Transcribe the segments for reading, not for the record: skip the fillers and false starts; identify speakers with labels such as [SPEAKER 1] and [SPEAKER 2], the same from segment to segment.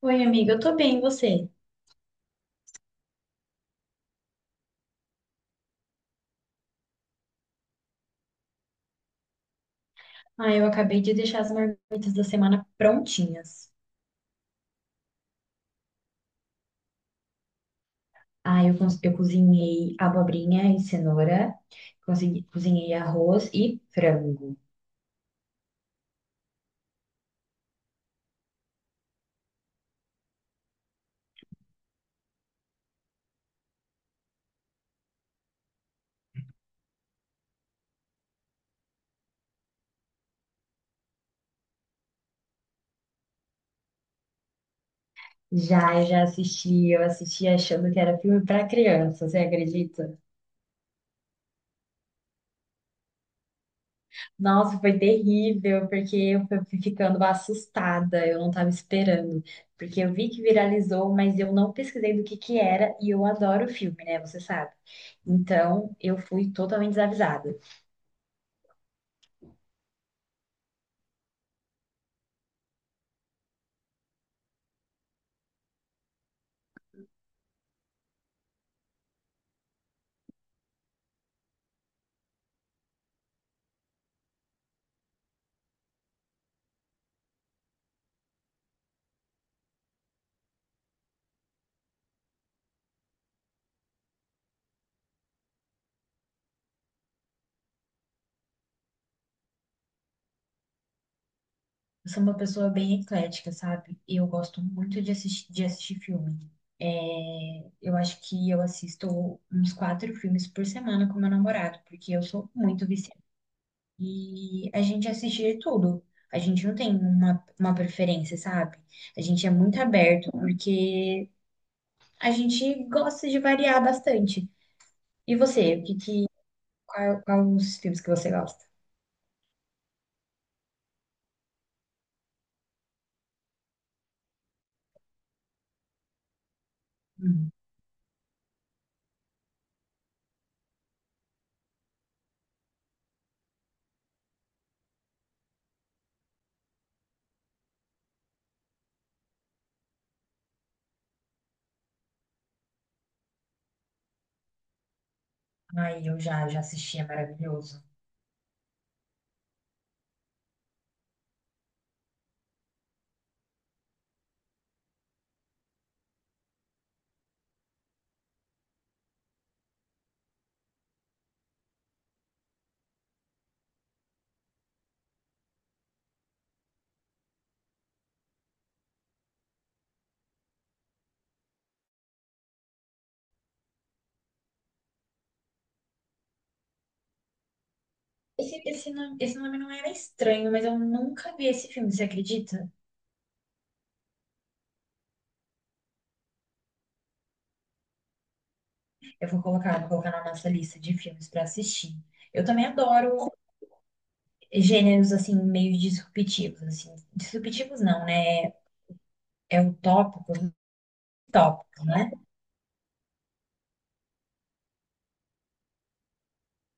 [SPEAKER 1] Oi, amiga, eu tô bem, e você? Ah, eu acabei de deixar as marmitas da semana prontinhas. Ah, eu cozinhei abobrinha e cenoura, cozinhei arroz e frango. Já, eu já assisti, eu assisti achando que era filme pra criança, você acredita? Nossa, foi terrível, porque eu fui ficando assustada, eu não estava esperando. Porque eu vi que viralizou, mas eu não pesquisei do que era, e eu adoro filme, né? Você sabe. Então, eu fui totalmente desavisada. Eu sou uma pessoa bem eclética, sabe? Eu gosto muito de assistir filme. É, eu acho que eu assisto uns 4 filmes por semana com meu namorado, porque eu sou muito viciada. E a gente assiste de tudo. A gente não tem uma preferência, sabe? A gente é muito aberto, porque a gente gosta de variar bastante. E você, qual, qual os filmes que você gosta? Hum. Ai, eu já, já assisti, é maravilhoso. Esse nome não era estranho, mas eu nunca vi esse filme, você acredita? Eu vou colocar na nossa lista de filmes pra assistir. Eu também adoro gêneros assim meio disruptivos, assim. Disruptivos não, né? É utópico, utópico, né?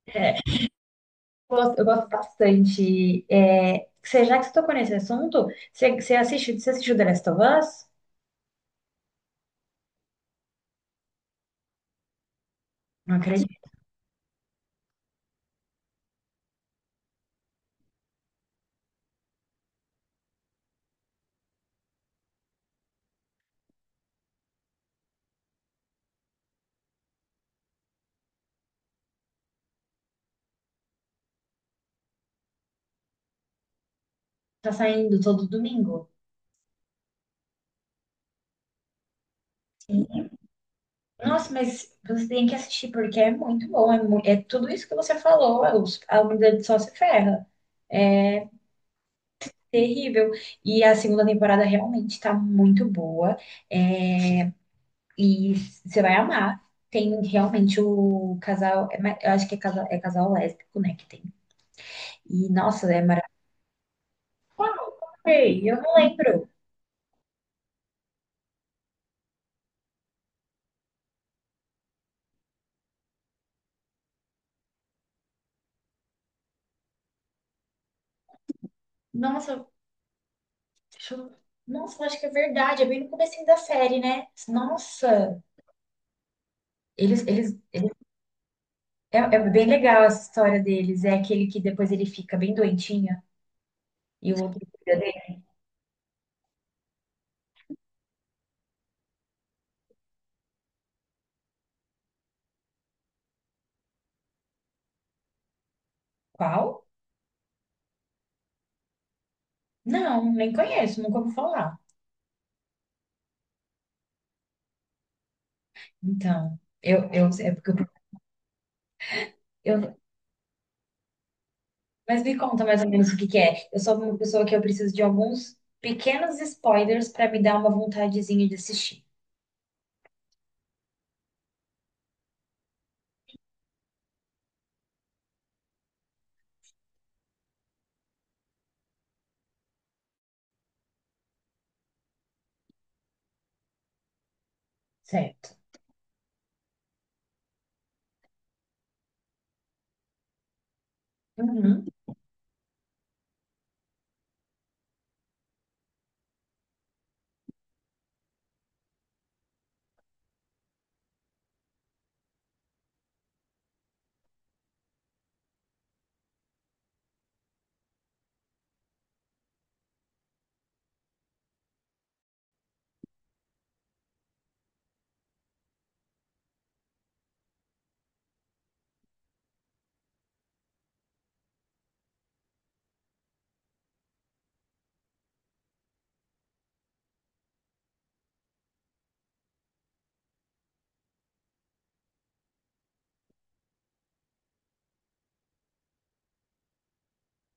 [SPEAKER 1] É. Eu gosto bastante. É, você, já que você tocou nesse assunto, você, você assiste, você assistiu The Last of Us? Não acredito. Tá saindo todo domingo. Nossa, mas você tem que assistir porque é muito bom. É, é tudo isso que você falou. A humanidade só se ferra. É terrível. E a segunda temporada realmente tá muito boa. é, E você vai amar. Tem realmente o casal. Eu acho que é casal lésbico, né? Que tem. E nossa, é maravilhoso. Ei, eu não lembro. Nossa, deixa eu- nossa, eu acho que é verdade. É bem no comecinho da série, né? Nossa, eles. É, é bem legal essa história deles. É aquele que depois ele fica bem doentinho e o outro cuida dele. Qual? Não, nem conheço, nunca ouvi falar. Então, eu, é porque eu- Mas me conta mais ou menos o que que é. Eu sou uma pessoa que eu preciso de alguns pequenos spoilers para me dar uma vontadezinha de assistir. Certo. Uhum.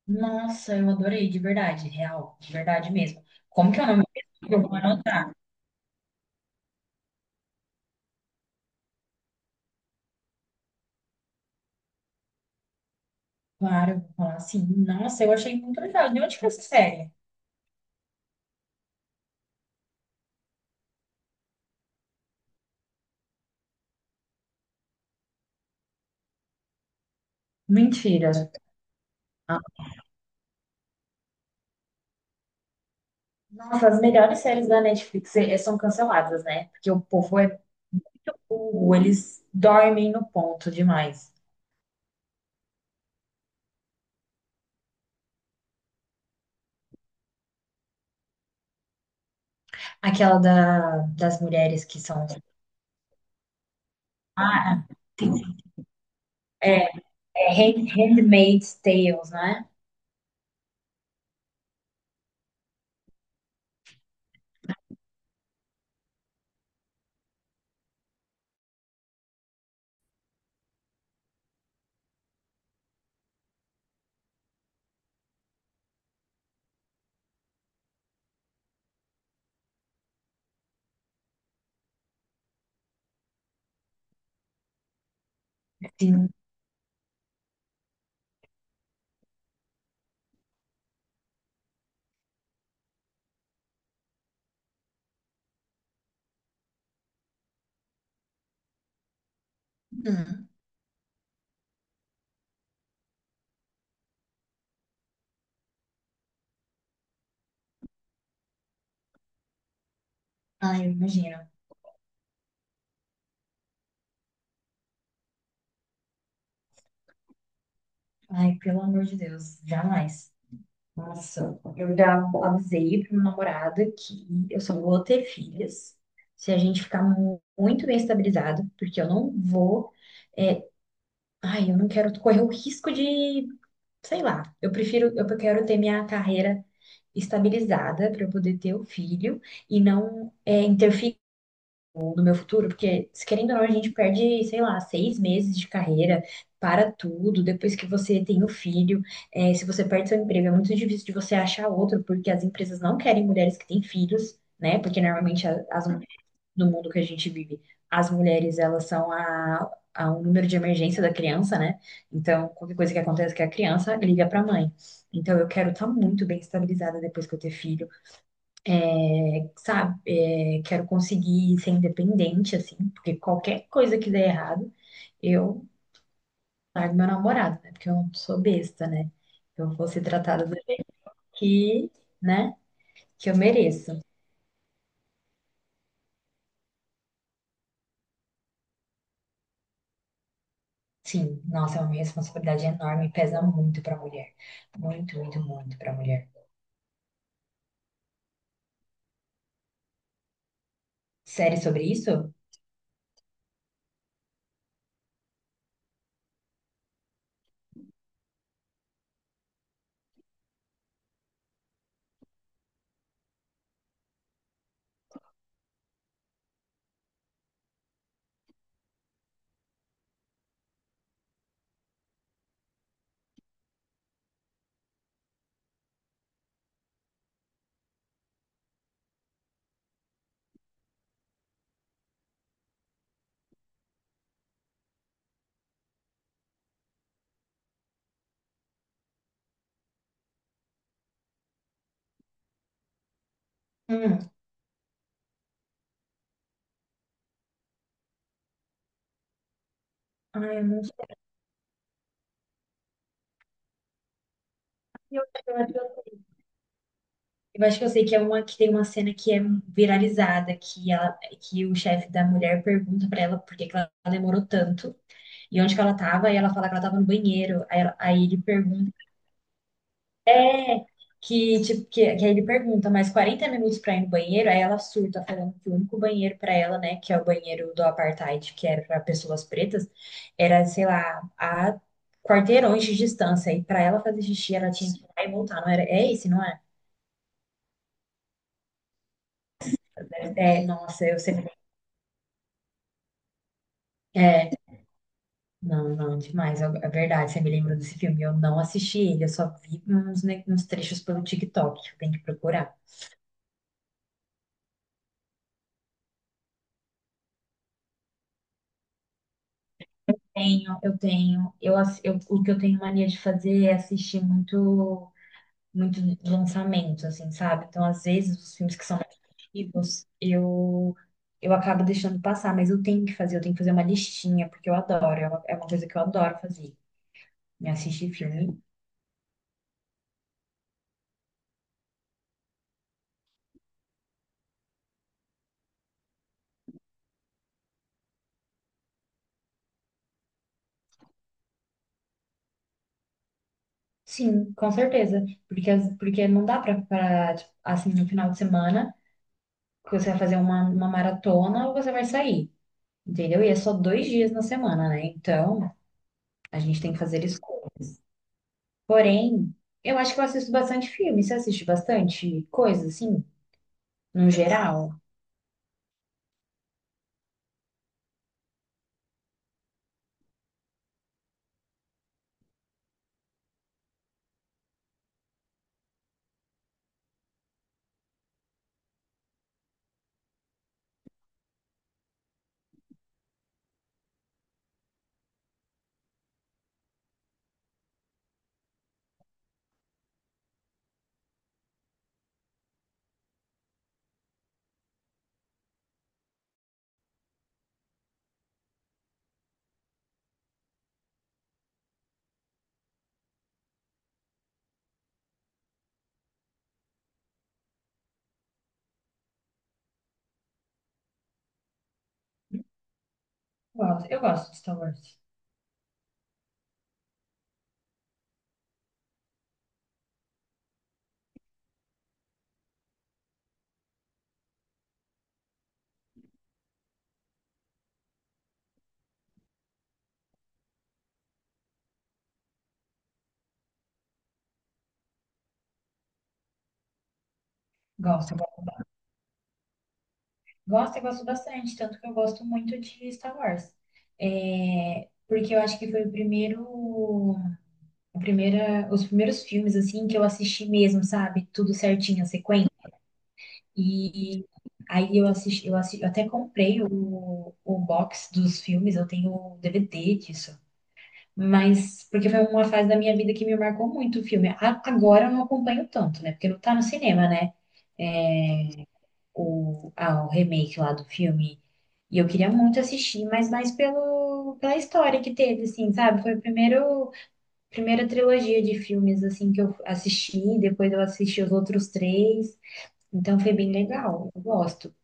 [SPEAKER 1] Nossa, eu adorei, de verdade, real, de verdade mesmo. Como que é o nome mesmo? Eu vou anotar. Claro, eu vou falar assim. Nossa, eu achei muito legal. De onde que é essa série? Mentira. Nossa, as melhores séries da Netflix são canceladas, né? Porque o povo é muito burro, eles dormem no ponto demais. Aquela da, das mulheres que são. Ah, é, é Handmaid's Tales, né? Sim. Hum. Ai, eu imagino. Ai, pelo amor de Deus, jamais. Nossa, eu já avisei pro meu namorado que eu só vou ter filhas se a gente ficar muito bem estabilizado, porque eu não vou. eh, Ai, eu não quero correr o risco de, sei lá, eu prefiro, eu quero ter minha carreira estabilizada para eu poder ter o filho e não é, interferir no meu futuro, porque se querendo ou não, a gente perde, sei lá, 6 meses de carreira, para tudo, depois que você tem o filho, é, se você perde seu emprego, é muito difícil de você achar outro, porque as empresas não querem mulheres que têm filhos, né? Porque normalmente a- as no mundo que a gente vive, as mulheres, elas são a um número de emergência da criança, né? Então, qualquer coisa que aconteça que a criança liga para a mãe. Então, eu quero estar muito bem estabilizada depois que eu ter filho, é, sabe? É, quero conseguir ser independente, assim, porque qualquer coisa que der errado, eu largo meu namorado, né? Porque eu não sou besta, né? Eu vou ser tratada do jeito que, né? Que eu mereço. Sim, nossa, é uma responsabilidade enorme, pesa muito para mulher. Muito, muito, muito para mulher. Série sobre isso? Hum. Ai, eu não sei. Eu acho que eu sei. Eu acho que eu sei que é uma que tem uma cena que é viralizada, que ela, que o chefe da mulher pergunta pra ela por que que ela demorou tanto e onde que ela tava, e ela fala que ela tava no banheiro. Aí ele pergunta que, tipo, que aí ele pergunta, mais 40 minutos pra ir no banheiro, aí ela surta, falando que o único banheiro pra ela, né, que é o banheiro do apartheid, que era pra pessoas pretas, era, sei lá, a quarteirões de distância, e pra ela fazer xixi, ela tinha que ir lá e voltar, não era, é esse, não é? É, nossa, eu sempre, é, não, não, demais, é verdade, você me lembrou desse filme, eu não assisti ele, eu só vi uns, uns trechos pelo TikTok, eu tenho que procurar. Tenho, eu tenho. O que eu tenho mania de fazer é assistir muito, muito lançamento, assim, sabe? Então, às vezes, os filmes que são mais antigos, eu acabo deixando passar, mas eu tenho que fazer, eu tenho que fazer uma listinha, porque eu adoro, é uma coisa que eu adoro fazer, me assistir filme. Sim, com certeza. Porque, porque não dá pra, tipo, assim, no final de semana, que você vai fazer uma maratona ou você vai sair, entendeu? E é só dois dias na semana, né? Então, a gente tem que fazer escolhas. Porém, eu acho que eu assisto bastante filme. Você assiste bastante coisa, assim, no geral? Gosto, eu gosto de Star Wars. Gosto, gosto, gosto e gosto bastante, tanto que eu gosto muito de Star Wars. É, porque eu acho que foi o primeiro, a primeira, os primeiros filmes assim que eu assisti mesmo, sabe? Tudo certinho, a sequência. E aí eu assisti, eu assisti, eu até comprei o box dos filmes, eu tenho o DVD disso. Mas, porque foi uma fase da minha vida que me marcou muito o filme. Agora eu não acompanho tanto, né? Porque não tá no cinema, né? É, o, ah, o remake lá do filme. E eu queria muito assistir, mas mais pelo, pela história que teve, assim, sabe? Foi a primeiro, primeira trilogia de filmes, assim, que eu assisti. Depois eu assisti os outros três. Então foi bem legal. Eu gosto.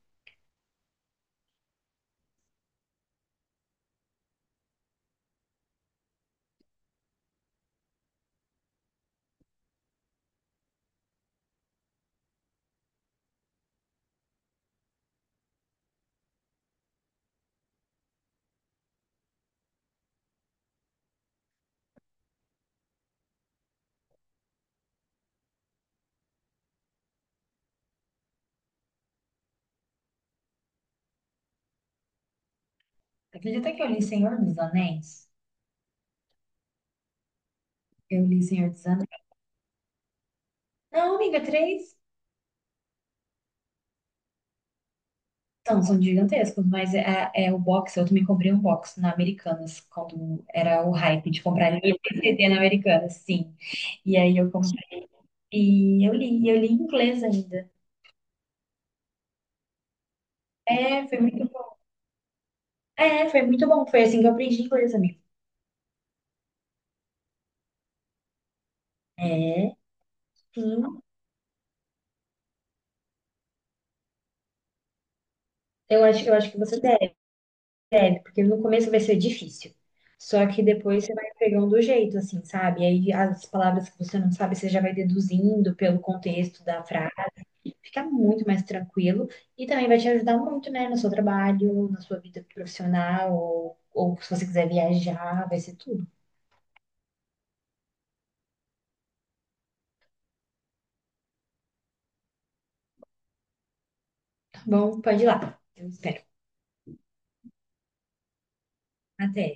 [SPEAKER 1] Acredita que eu li Senhor dos Anéis? Eu li Senhor dos Anéis. Não, amiga, três. São, são gigantescos, mas é, é o box, eu também comprei um box na Americanas, quando era o hype de comprar livro e CD na Americanas, sim. E aí eu comprei e eu li em inglês ainda. É, foi muito bom. É, foi muito bom. Foi assim que eu aprendi inglês, amigo. É, sim. Eu acho que você deve, porque no começo vai ser difícil. Só que depois você vai pegando o jeito, assim, sabe? E aí as palavras que você não sabe, você já vai deduzindo pelo contexto da frase. Fica muito mais tranquilo e também vai te ajudar muito, né, no seu trabalho, na sua vida profissional, ou se você quiser viajar, vai ser tudo. Tá bom? Pode ir lá. Eu espero. Até.